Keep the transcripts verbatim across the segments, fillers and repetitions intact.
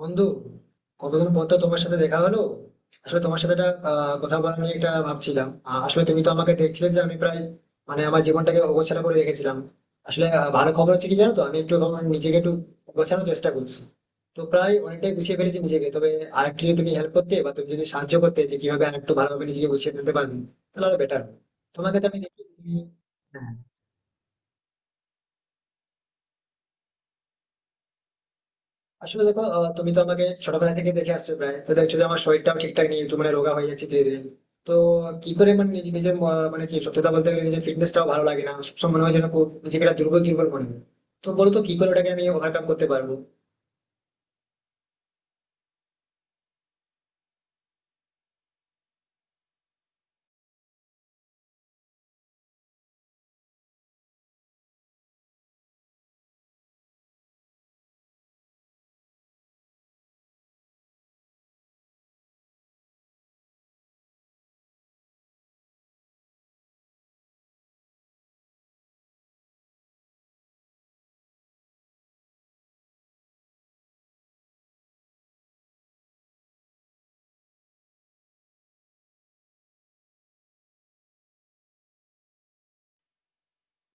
বন্ধু, কতদিন পর তো তোমার সাথে দেখা হলো। আসলে তোমার সাথে একটা আহ, কথা বলা নিয়ে একটা ভাবছিলাম। আহ, আসলে তুমি তো আমাকে দেখছিলে যে আমি প্রায় মানে আমার জীবনটাকে অগোছালো করে রেখেছিলাম। আসলে আহ, ভালো খবর হচ্ছে কি জানো, তো আমি একটু এখন নিজেকে একটু গোছানোর চেষ্টা করছি। তো প্রায় অনেকটাই গুছিয়ে ফেলেছি নিজেকে, তবে আরেকটু যদি তুমি হেল্প করতে বা তুমি যদি সাহায্য করতে যে কিভাবে আরেকটু ভালোভাবে নিজেকে গুছিয়ে ফেলতে পারবে, তাহলে আরো বেটার। তোমাকে তো আমি দেখি তুমি। হ্যাঁ। আসলে দেখো, আহ, তুমি তো আমাকে ছোটবেলা থেকে দেখে আসছো প্রায়, তো দেখছো যে আমার শরীরটাও ঠিকঠাক নেই, একটু মানে রোগা হয়ে যাচ্ছে ধীরে ধীরে। তো কি করে মানে নিজ- নিজের ম- মানে কি সত্যতা বলতে গেলে, নিজের ফিটনেসটাও ভালো লাগে না, সবসময় মনে হয় যেন খুব নিজেকে একটা দুর্বল দুর্বল মনে হয়। তো বলো তো কি করে ওটাকে আমি ওভারকাম করতে পারবো।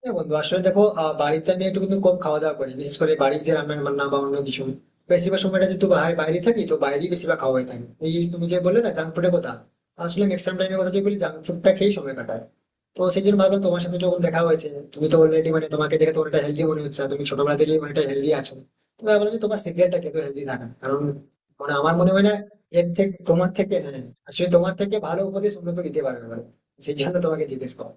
হ্যাঁ বন্ধু, আসলে দেখো, আহ, বাড়িতে আমি একটু কিন্তু কম খাওয়া দাওয়া করি, বিশেষ করে বাড়ির যে রান্না বান্না বা অন্য কিছু। বেশিরভাগ সময়টা যেহেতু বাই- বাইরে থাকি, তো বাইরেই বেশিরভাগ খাওয়া হয়ে থাকে। এই তুমি যে বললে না জাঙ্ক ফুডের কথা, আসলে ম্যাক্সিমাম টাইমের কথা যদি বলি জাঙ্ক ফুডটা খেয়েই সময় কাটায়। তো সেই জন্য ভাবলাম তোমার সাথে যখন দেখা হয়েছে, তুমি তো অলরেডি মানে তোমাকে দেখে তো অনেকটা হেলদি মনে হচ্ছে, আর তুমি ছোটবেলা থেকেই অনেকটা হেলদি আছো। তো আমি বললাম যে তোমার সিগারেটটা খেতে হেলদি থাকা কারণ মানে আমার মনে হয় না এর থেকে তোমার থেকে। হ্যাঁ, আসলে তোমার থেকে ভালো উপদেশ অন্য কেউ দিতে পারবে না। সেই জন্য তোমাকে জিজ্ঞেস করা।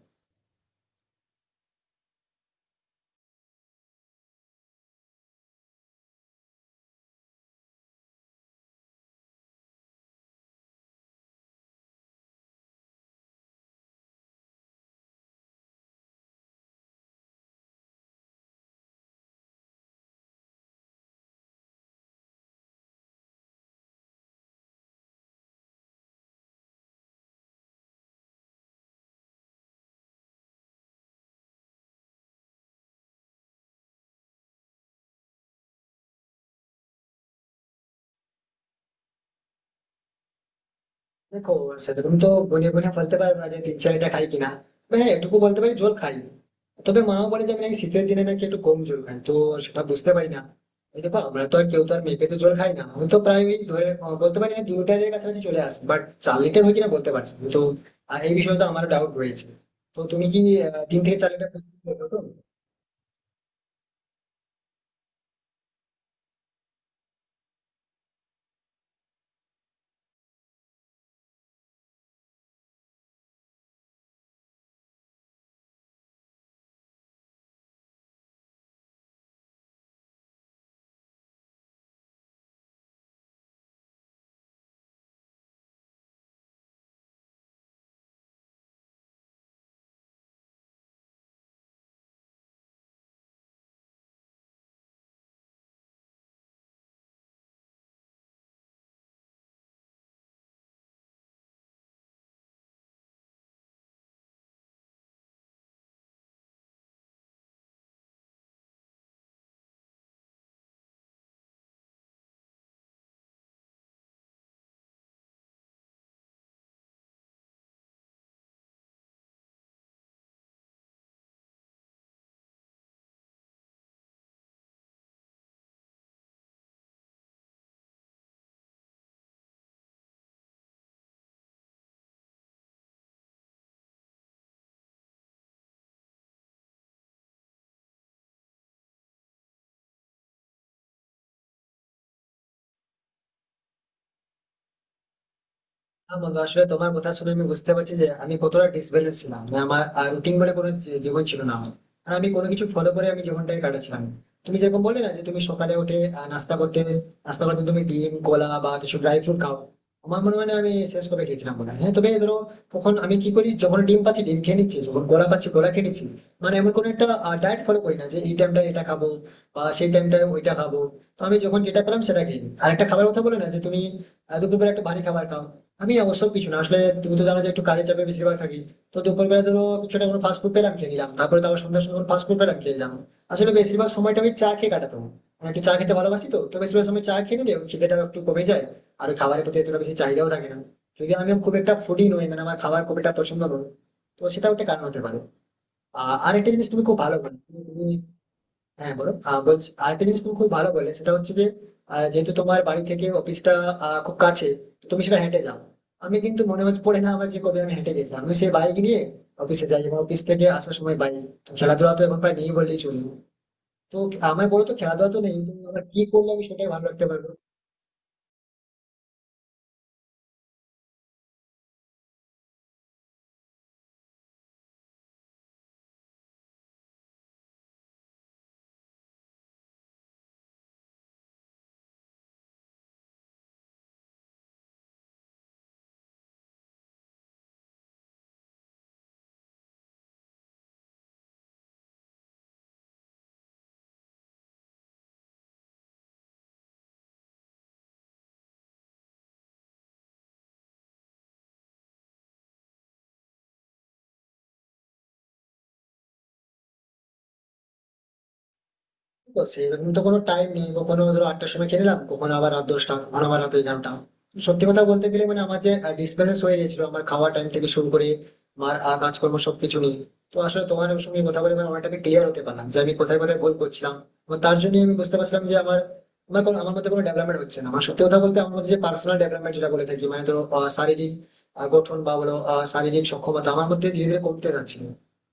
দেখো, সেরকম তো গুনে গুনে বলতে পারবো না যে তিন চারটা খাই কিনা। তবে হ্যাঁ এটুকু বলতে পারি জল খাই। তবে মাও বলে যে আমি নাকি শীতের দিনে নাকি একটু কম জল খাই, তো সেটা বুঝতে পারি না। এই দেখো, আমরা তো আর কেউ তো আর মেপে তো জল খাই না। আমি তো প্রায় ওই ধরে আহ, বলতে পারি না, দু লিটারের কাছাকাছি চলে আসি, বাট চার লিটার হয় কিনা বলতে পারছি না। তো আহ, এই বিষয়ে তো আমার ডাউট রয়েছে। তো তুমি কি আহ, তিন থেকে চার লিটার বলতে পারো তো? হ্যাঁ বন্ধু, আসলে তোমার কথা শুনে আমি বুঝতে পারছি যে আমি কতটা ডিসব্যালেন্স ছিলাম, মানে আমার রুটিন বলে কোনো জী- জীবন ছিল না আমার। আর আমি কোনো কিছু ফলো করে আমি জীবনটাকে কাটাচ্ছিলাম। তুমি যেরকম বললে না যে তুমি সকালে উঠে আহ, নাস্তা করতে, নাস্তা করতে তুমি ডিম কলা বা কিছু ড্রাই ফ্রুট খাও। আমার মনে হয় না আমি শেষ করে খেয়েছিলাম বোধ হয়। হ্যাঁ তবে ধরো, তখন আমি কি করি, যখন ডিম পাচ্ছি ডিম খেয়ে নিচ্ছি, যখন কলা পাচ্ছি কলা খেয়ে নিচ্ছি। মানে এমন কোনো একটা ডায়েট ফলো করি না যে এই টাইমটা এটা খাবো বা সেই টাইমটা ওইটা খাবো। তো আমি যখন যেটা পেলাম সেটা খেয়ে নিই। আর একটা খাবারের কথা বলে না যে তুমি আহ, দুপুরবেলা একটু ভারী খাবার খাও, আমি অবশ্য কিছু না। আসলে তুমি তো জানো যে একটু কাজের চাপে বেশিরভাগ থাকি। তো দুপুরবেলা ধরো কিছুটা কোনো ফাস্ট ফুড পেলাম খেয়ে নিলাম, তারপরে তো আবার সন্ধ্যার সময় ফাস্ট ফুড পেলাম খেয়ে নিলাম। আসলে বেশিরভাগ সময়টা আমি চা খেয়ে কাটাতাম। আমি একটু চা খেতে ভালোবাসি, তো তো বেশিরভাগ সময় চা খেয়ে নিলে খিদেটা একটু কমে যায়। আর ওই খাবারের প্রতি এতটা বেশি চাহিদাও থাকে না, যদি আমি খুব একটা ফুডি নই, মানে আমার খাবার খুব একটা পছন্দ নয়। তো সেটাও একটা কারণ হতে পারে। আহ, আর একটা জিনিস তুমি খুব ভালো বলো। তুমি। হ্যাঁ বলো। আহ, বলছি, আরেকটা জিনিস তুমি খুব ভালো বললে, সেটা হচ্ছে যে আহ, যেহেতু তোমার বাড়ি থেকে অফিসটা আহ, খুব কাছে, তো তুমি সেটা হেঁটে যাও। আমি কিন্তু মনে হচ্ছে পড়ে না আমার যে কবে আমি হেঁটে গেছিলাম। আমি সেই বাইক নিয়ে অফিসে যাই এবং অফিস থেকে আসার সময় বাইক। খেলাধুলা তো এখন প্রায় নেই বললেই চলি। তো আমার বলো তো খেলাধুলা তো নেই তো আমার কি করলে আমি সেটাই ভালো রাখতে পারবো। তো সেরকম তো কোনো টাইম নেই, কখনো ধরো আটটার সময় খেয়ে নিলাম, কখনো আবার রাত দশটা, কখনো আবার রাত এগারোটা। তো সত্যি কথা বলতে গেলে মানে আমার যে ডিসব্যালেন্স হয়ে গেছিল আমার খাওয়া টাইম থেকে শুরু করে আমার আহ, কাজকর্ম সবকিছু নিয়ে। তো আসলে তোমার সঙ্গে কথা বলে মানে অনেকটা আমি ক্লিয়ার হতে পারলাম যে আমি কোথায় কোথায় ভুল করছিলাম। এবং তার জন্য আমি বুঝতে পারছিলাম যে আমার আমার কোনো আমার মধ্যে কোনো ডেভেলপমেন্ট হচ্ছে না। আমার সত্যি কথা বলতে আমার মধ্যে যে পার্সোনাল ডেভেলপমেন্ট যেটা বলে থাকি, মানে ধরো আহ, শারীরিক আহ, গঠন বা বলো আহ, শারীরিক সক্ষমতা আমার মধ্যে ধীরে ধীরে কমতে যাচ্ছিল।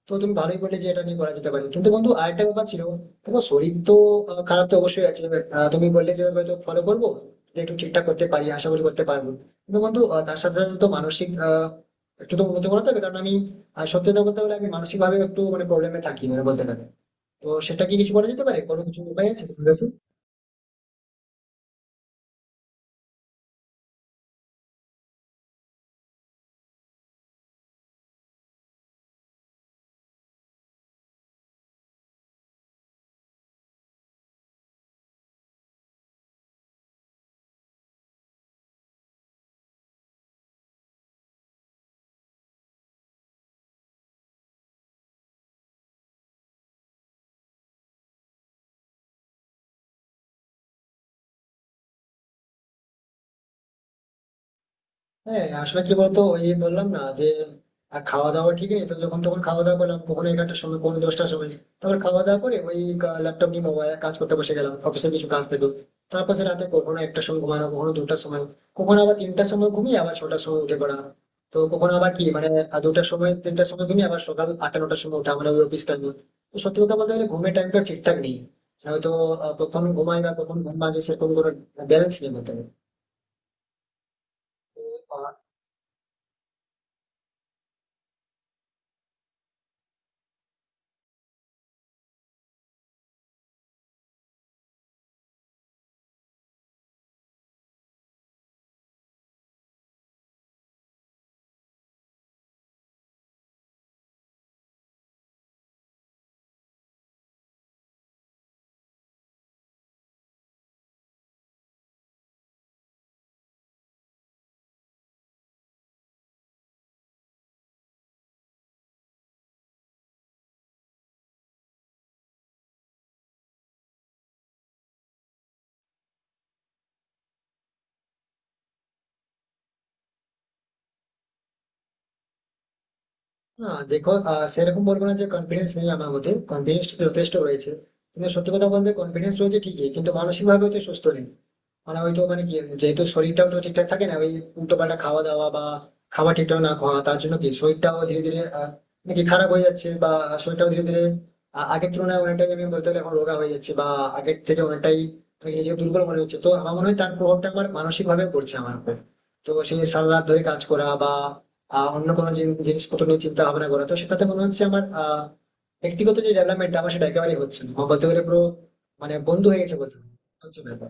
তো তুমি ভালোই বললে যে এটা নিয়ে করা যেতে পারে, কিন্তু বন্ধু আরেকটা ব্যাপার ছিল। দেখো, শরীর তো আহ, খারাপ তো অবশ্যই আছে। আহ, তুমি বললে যে আমি হয়তো ফলো করবো যে একটু ঠিকঠাক করতে পারি, আশা করি করতে পারবো। কিন্তু বন্ধু আহ, তার সাথে সাথে তো মানসিক আহ, একটু তো উন্নত করাতে হবে কারণ আমি আহ, সত্যি কথা বলতে হলে আমি মানসিক ভাবে একটু মানে প্রবলেমে থাকি মানে বলতে গেলে। তো সেটা কি কিছু বলা যেতে পারে, কোনো কিছু উপায় আছে তোমার কাছে? হ্যাঁ, আসলে কি বলতো, ওই বললাম না যে আহ, খাওয়া দাওয়া ঠিক নেই, তো যখন তখন খাওয়া দাওয়া করলাম, কখনো এগারোটার সময়, কখনো দশটার সময়। তারপর খাওয়া দাওয়া করে ওই ল্যাপটপ নিয়ে মোবাইল কাজ করতে বসে গেলাম, অফিসে কিছু কাজ থাকলো। তারপর সে রাতে কখনো একটার সময় ঘুমানো, কখনো দুটার সময়, কখনো আবার তিনটার সময় ঘুমিয়ে আবার ছটার সময় উঠে পড়া। তো কখনো আবার কি মানে আহ, দুটার সময় তিনটার সময় ঘুমিয়ে আবার সকাল আটটা নটার সময় ওঠা, মানে ওই অফিস টাইম। তো সত্যি কথা বলতে গেলে ঘুমের টাইমটা ঠিকঠাক নেই, হয়তো আহ, কখন ঘুমাই বা কখন ঘুম ভাঙে সেরকম কোনো ব্যালেন্স নেই বলতে গেলে। না দেখো, আহ, সেরকম বলবো না যে কনফিডেন্স নেই। আমার মধ্যে কনফিডেন্স যথেষ্ট রয়েছে। কিন্তু সত্যি কথা বলতে কনফিডেন্স রয়েছে ঠিকই, কিন্তু মানসিক ভাবে তো সুস্থ নেই। মানে ওই তো মানে কি, যেহেতু শরীরটাও তো ঠিকঠাক থাকে না, ওই উল্টো পাল্টা খাওয়া দাওয়া বা খাবার ঠিকঠাক না খাওয়া, তার জন্য কি শরীরটাও ধীরে ধীরে আহ, মানে কি খারাপ হয়ে যাচ্ছে, বা শরীরটাও ধীরে ধীরে আ- আগের তুলনায় অনেকটাই আমি বলতে গেলে এখন রোগা হয়ে যাচ্ছে, বা আগের থেকে অনেকটাই মানে কি নিজেকে দুর্বল মনে হচ্ছে। তো আমার মনে হয় তার প্রভাবটা আমার মানসিক ভাবে পড়ছে আমার উপর। তো সেই সারা রাত ধরে কাজ করা বা আহ অন্য কোনো জিন- জিনিসপত্র নিয়ে চিন্তা ভাবনা করা, তো সেটাতে মনে হচ্ছে আমার আহ ব্যক্তিগত যে ডেভেলপমেন্ট আমার সেটা একেবারেই হচ্ছে না, আমার বলতে গেলে পুরো মানে বন্ধ হয়ে গেছে বলতে গেলে। হচ্ছে ব্যাপার।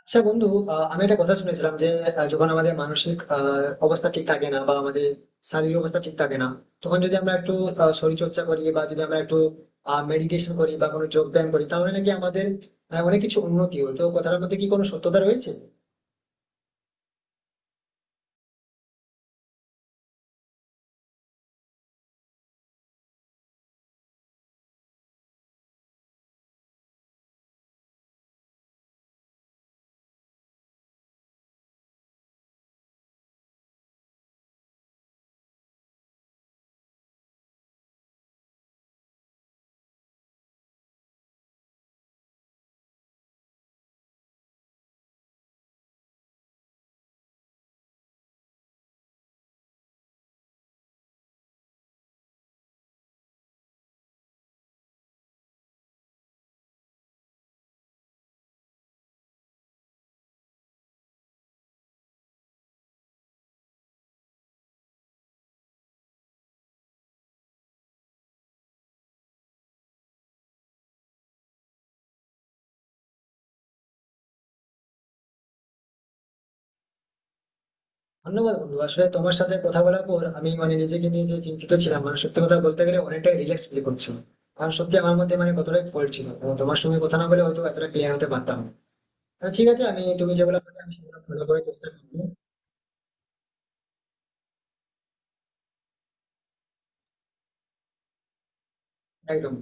আচ্ছা বন্ধু, আহ, আমি একটা কথা শুনেছিলাম যে আহ, যখন আমাদের মানসিক আহ, অবস্থা ঠিক থাকে না বা আমাদের শারীরিক অবস্থা ঠিক থাকে না, তখন যদি আমরা একটু আহ, শরীরচর্চা করি বা যদি আমরা একটু মেডিটেশন করি বা কোনো যোগ ব্যায়াম করি, তাহলে নাকি আমাদের আহ, অনেক কিছু উন্নতি হয়। তো কথাটার মধ্যে কি কোনো সত্যতা রয়েছে? ধন্যবাদ বন্ধু। আসলে তোমার সাথে কথা বলার পর আমি মানে নিজেকে নিয়ে যে চিন্তিত ছিলাম, মানে সত্যি কথা বলতে গেলে অনেকটাই রিল্যাক্স ফিল করছিলাম। কারণ সত্যি আমার মধ্যে মানে কতটাই ফল্ট ছিল, এবং তোমার সঙ্গে কথা না বলে হয়তো এতটা ক্লিয়ার হতে পারতাম না। আচ্ছা ঠিক আছে, আমি তুমি যেগুলো বললে আমি সেগুলো ফলো করার চেষ্টা করবো। একদম।